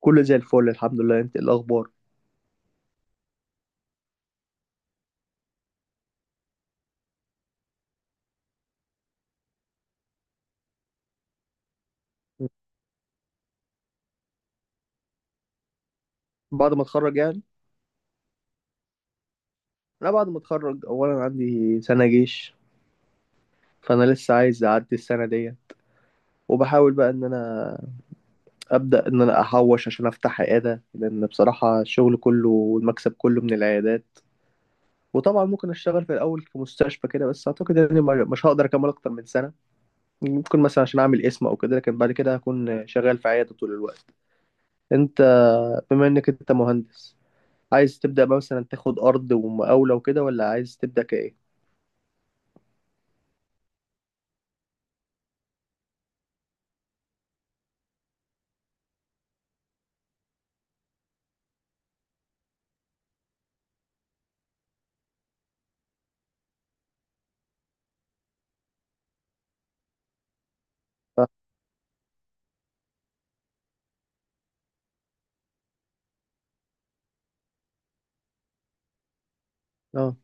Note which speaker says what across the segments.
Speaker 1: كله زي الفل، الحمد لله. انت ايه الاخبار؟ مم. بعد ما اتخرج يعني، انا بعد ما اتخرج اولا عندي سنه جيش، فانا لسه عايز اعدي السنه دي، وبحاول بقى ان انا ابدا ان انا احوش عشان افتح عياده، لان بصراحه الشغل كله والمكسب كله من العيادات. وطبعا ممكن اشتغل في الاول في مستشفى كده، بس اعتقد اني مش هقدر اكمل اكتر من سنه. ممكن مثلا عشان اعمل اسم او كده، لكن بعد كده هكون شغال في عياده طول الوقت. انت، بما انك انت مهندس، عايز تبدأ بقى مثلا تاخد أرض ومقاولة وكده، ولا عايز تبدأ كإيه؟ اه.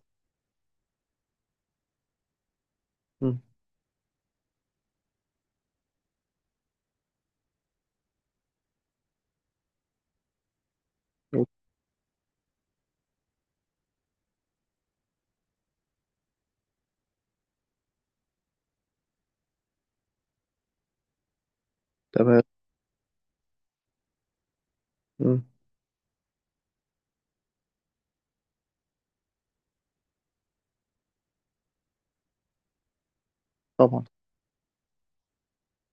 Speaker 1: مم. تمام. مم. طبعا.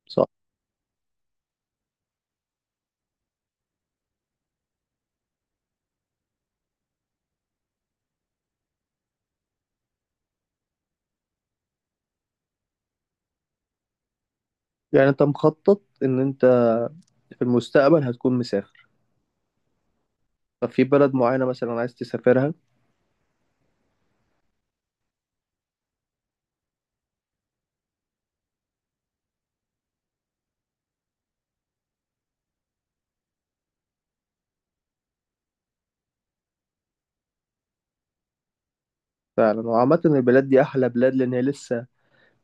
Speaker 1: صح. يعني أنت مخطط إن أنت في المستقبل هتكون مسافر ففي بلد معينة مثلا عايز تسافرها؟ فعلا، وعامة البلاد دي أحلى بلاد، لأن هي لسه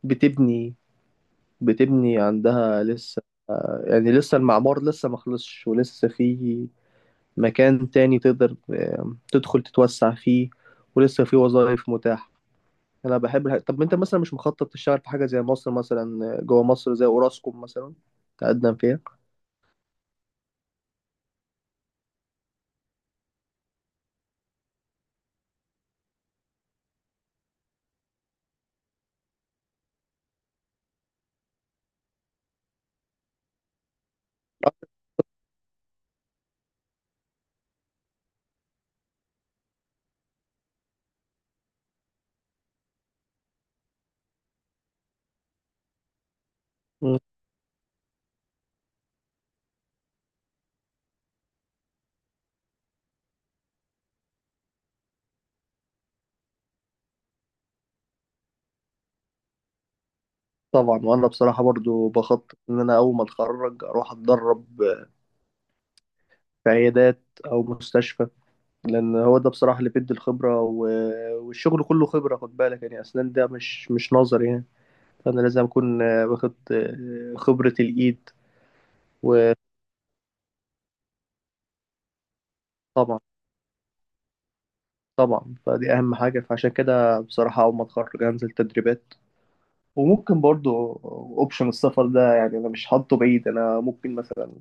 Speaker 1: بتبني، بتبني عندها لسه، يعني لسه المعمار لسه ما خلصش، ولسه في مكان تاني تقدر تدخل تتوسع فيه، ولسه في وظائف متاحة. انا بحب طب انت مثلا مش مخطط تشتغل في حاجه زي مصر مثلا، جوه مصر زي اوراسكوم مثلا، تقدم فيها؟ مم. طبعا. وانا بصراحه برضو بخطط ان انا اول ما اتخرج اروح اتدرب في عيادات او مستشفى، لان هو ده بصراحه اللي بيدي الخبره والشغل كله خبره. خد بالك يعني، اسنان ده مش نظر يعني، فانا لازم اكون واخد خبره الايد. وطبعا طبعا فدي اهم حاجه، فعشان كده بصراحه اول ما اتخرج هنزل تدريبات. وممكن برضو اوبشن السفر ده، يعني انا مش حاطه بعيد، انا ممكن مثلا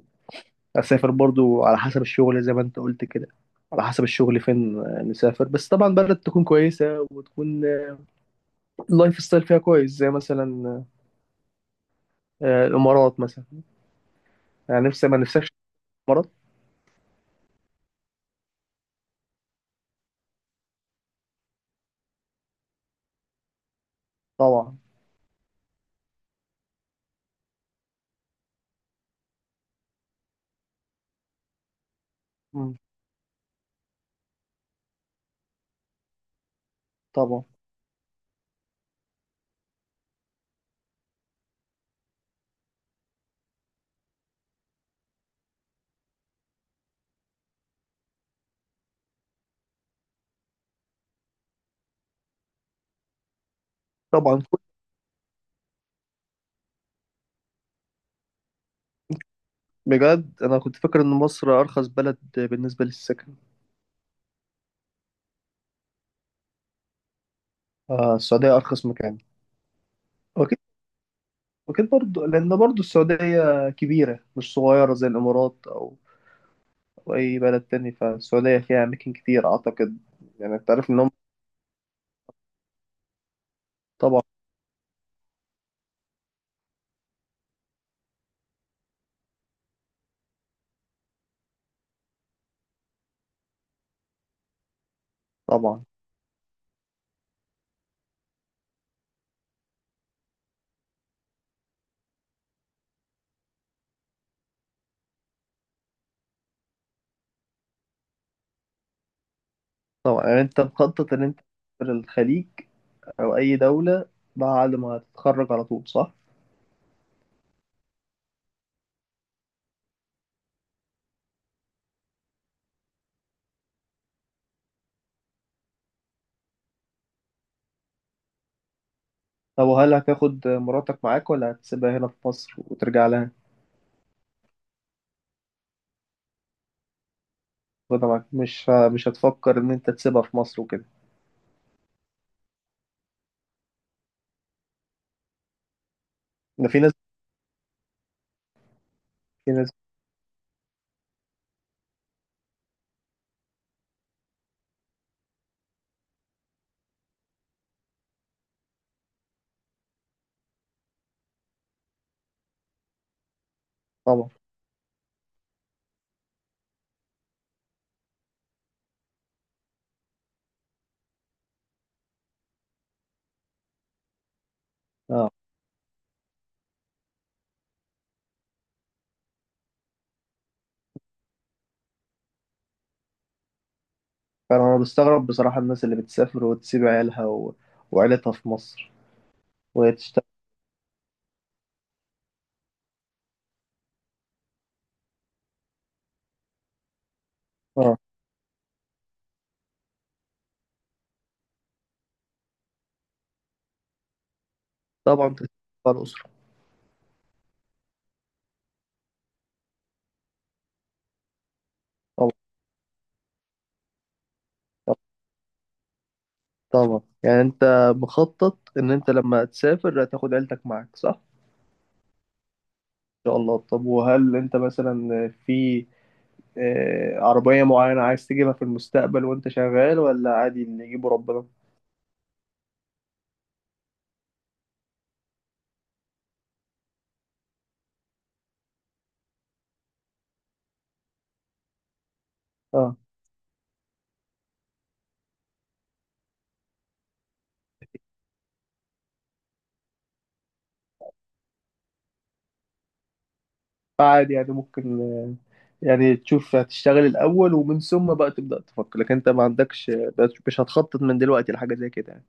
Speaker 1: اسافر برضو على حسب الشغل زي ما انت قلت كده. على حسب الشغل فين نسافر، بس طبعا بلد تكون كويسة، وتكون اللايف ستايل فيها كويس، زي مثلا الامارات مثلا، يعني نفسي. ما نفسكش الامارات؟ طبعا. مم. طبعا. طبعا. بجد انا كنت فاكر ان مصر ارخص بلد بالنسبة للسكن. السعودية ارخص مكان؟ واكيد. واكيد برضو، لان برضو السعودية كبيرة مش صغيرة زي الامارات او وأي بلد تاني، فالسعودية فيها أماكن كتير أعتقد. يعني أنت عارف إن هم، طبعا. طبعا. طبعا. يعني أنت مخطط إن أنت تسافر الخليج أو أي دولة بعد ما تتخرج على طول، صح؟ طب وهل هتاخد مراتك معاك، ولا هتسيبها هنا في مصر وترجع لها؟ تاخدها معاك؟ مش هتفكر إن أنت تسيبها في مصر وكده؟ ده في ناس، في ناس. طبعا. اه. فأنا، بستغرب بصراحة الناس اللي بتسافر وتسيب عيالها وعيلتها في مصر وهي تشتغل. اه. طبعا تسيب الأسرة. طبعا. طبعا يعني انت مخطط ان انت لما تسافر هتاخد عيلتك معاك، صح؟ ان شاء الله. طب وهل انت مثلا في عربية معينة عايز تجيبها في المستقبل وانت شغال، ولا عادي اللي يجيبه ربنا؟ اه، عادي. يعني ممكن يعني تشوف هتشتغل الأول، ومن ثم بقى تبدأ تفكر، لكن انت ما عندكش، مش هتخطط من دلوقتي لحاجة زي كده يعني؟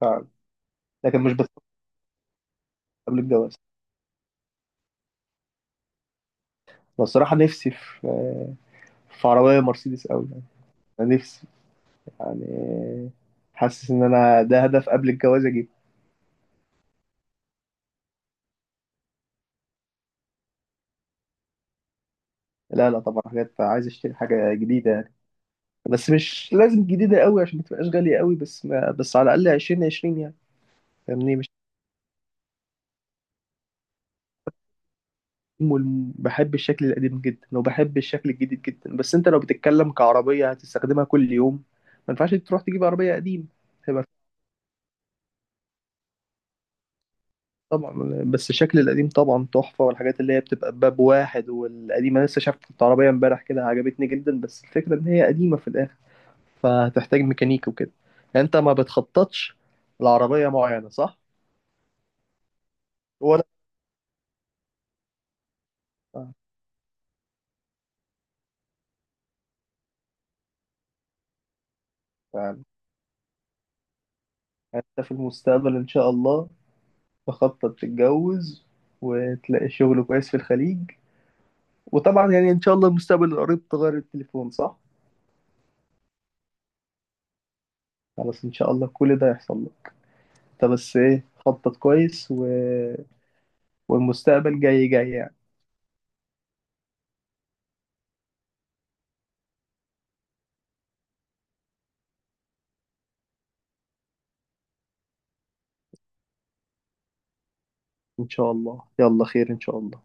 Speaker 1: فعلا. لكن مش بتفكر قبل الجواز؟ بس الصراحة نفسي في عربية مرسيدس أوي يعني. أنا نفسي، يعني حاسس ان انا ده هدف قبل الجواز اجيبه. لا لا، طبعا حاجات عايز اشتري حاجه جديده يعني، بس مش لازم جديده قوي عشان ما تبقاش غاليه قوي، بس ما بس على الاقل 2020 يعني. فاهمني؟ مش والم- بحب الشكل القديم جدا، وبحب الشكل الجديد جدا، بس انت لو بتتكلم كعربيه هتستخدمها كل يوم، ما ينفعش تروح تجيب عربيه قديم. هيبقى طبعا. بس الشكل القديم طبعا تحفه، والحاجات اللي هي بتبقى باب واحد والقديمه. لسه شفت عربيه امبارح كده عجبتني جدا، بس الفكره ان هي قديمه في الاخر، فهتحتاج ميكانيكي وكده. يعني انت ما بتخططش لعربية معينة، صح؟ ولا آه، يعني انت في المستقبل ان شاء الله تخطط تتجوز، وتلاقي شغل كويس في الخليج، وطبعا يعني ان شاء الله المستقبل القريب تغير التليفون، صح؟ خلاص ان شاء الله كل ده يحصل لك. انت بس ايه، خطط كويس والمستقبل جاي جاي يعني. ان شاء الله. يلا، خير ان شاء الله.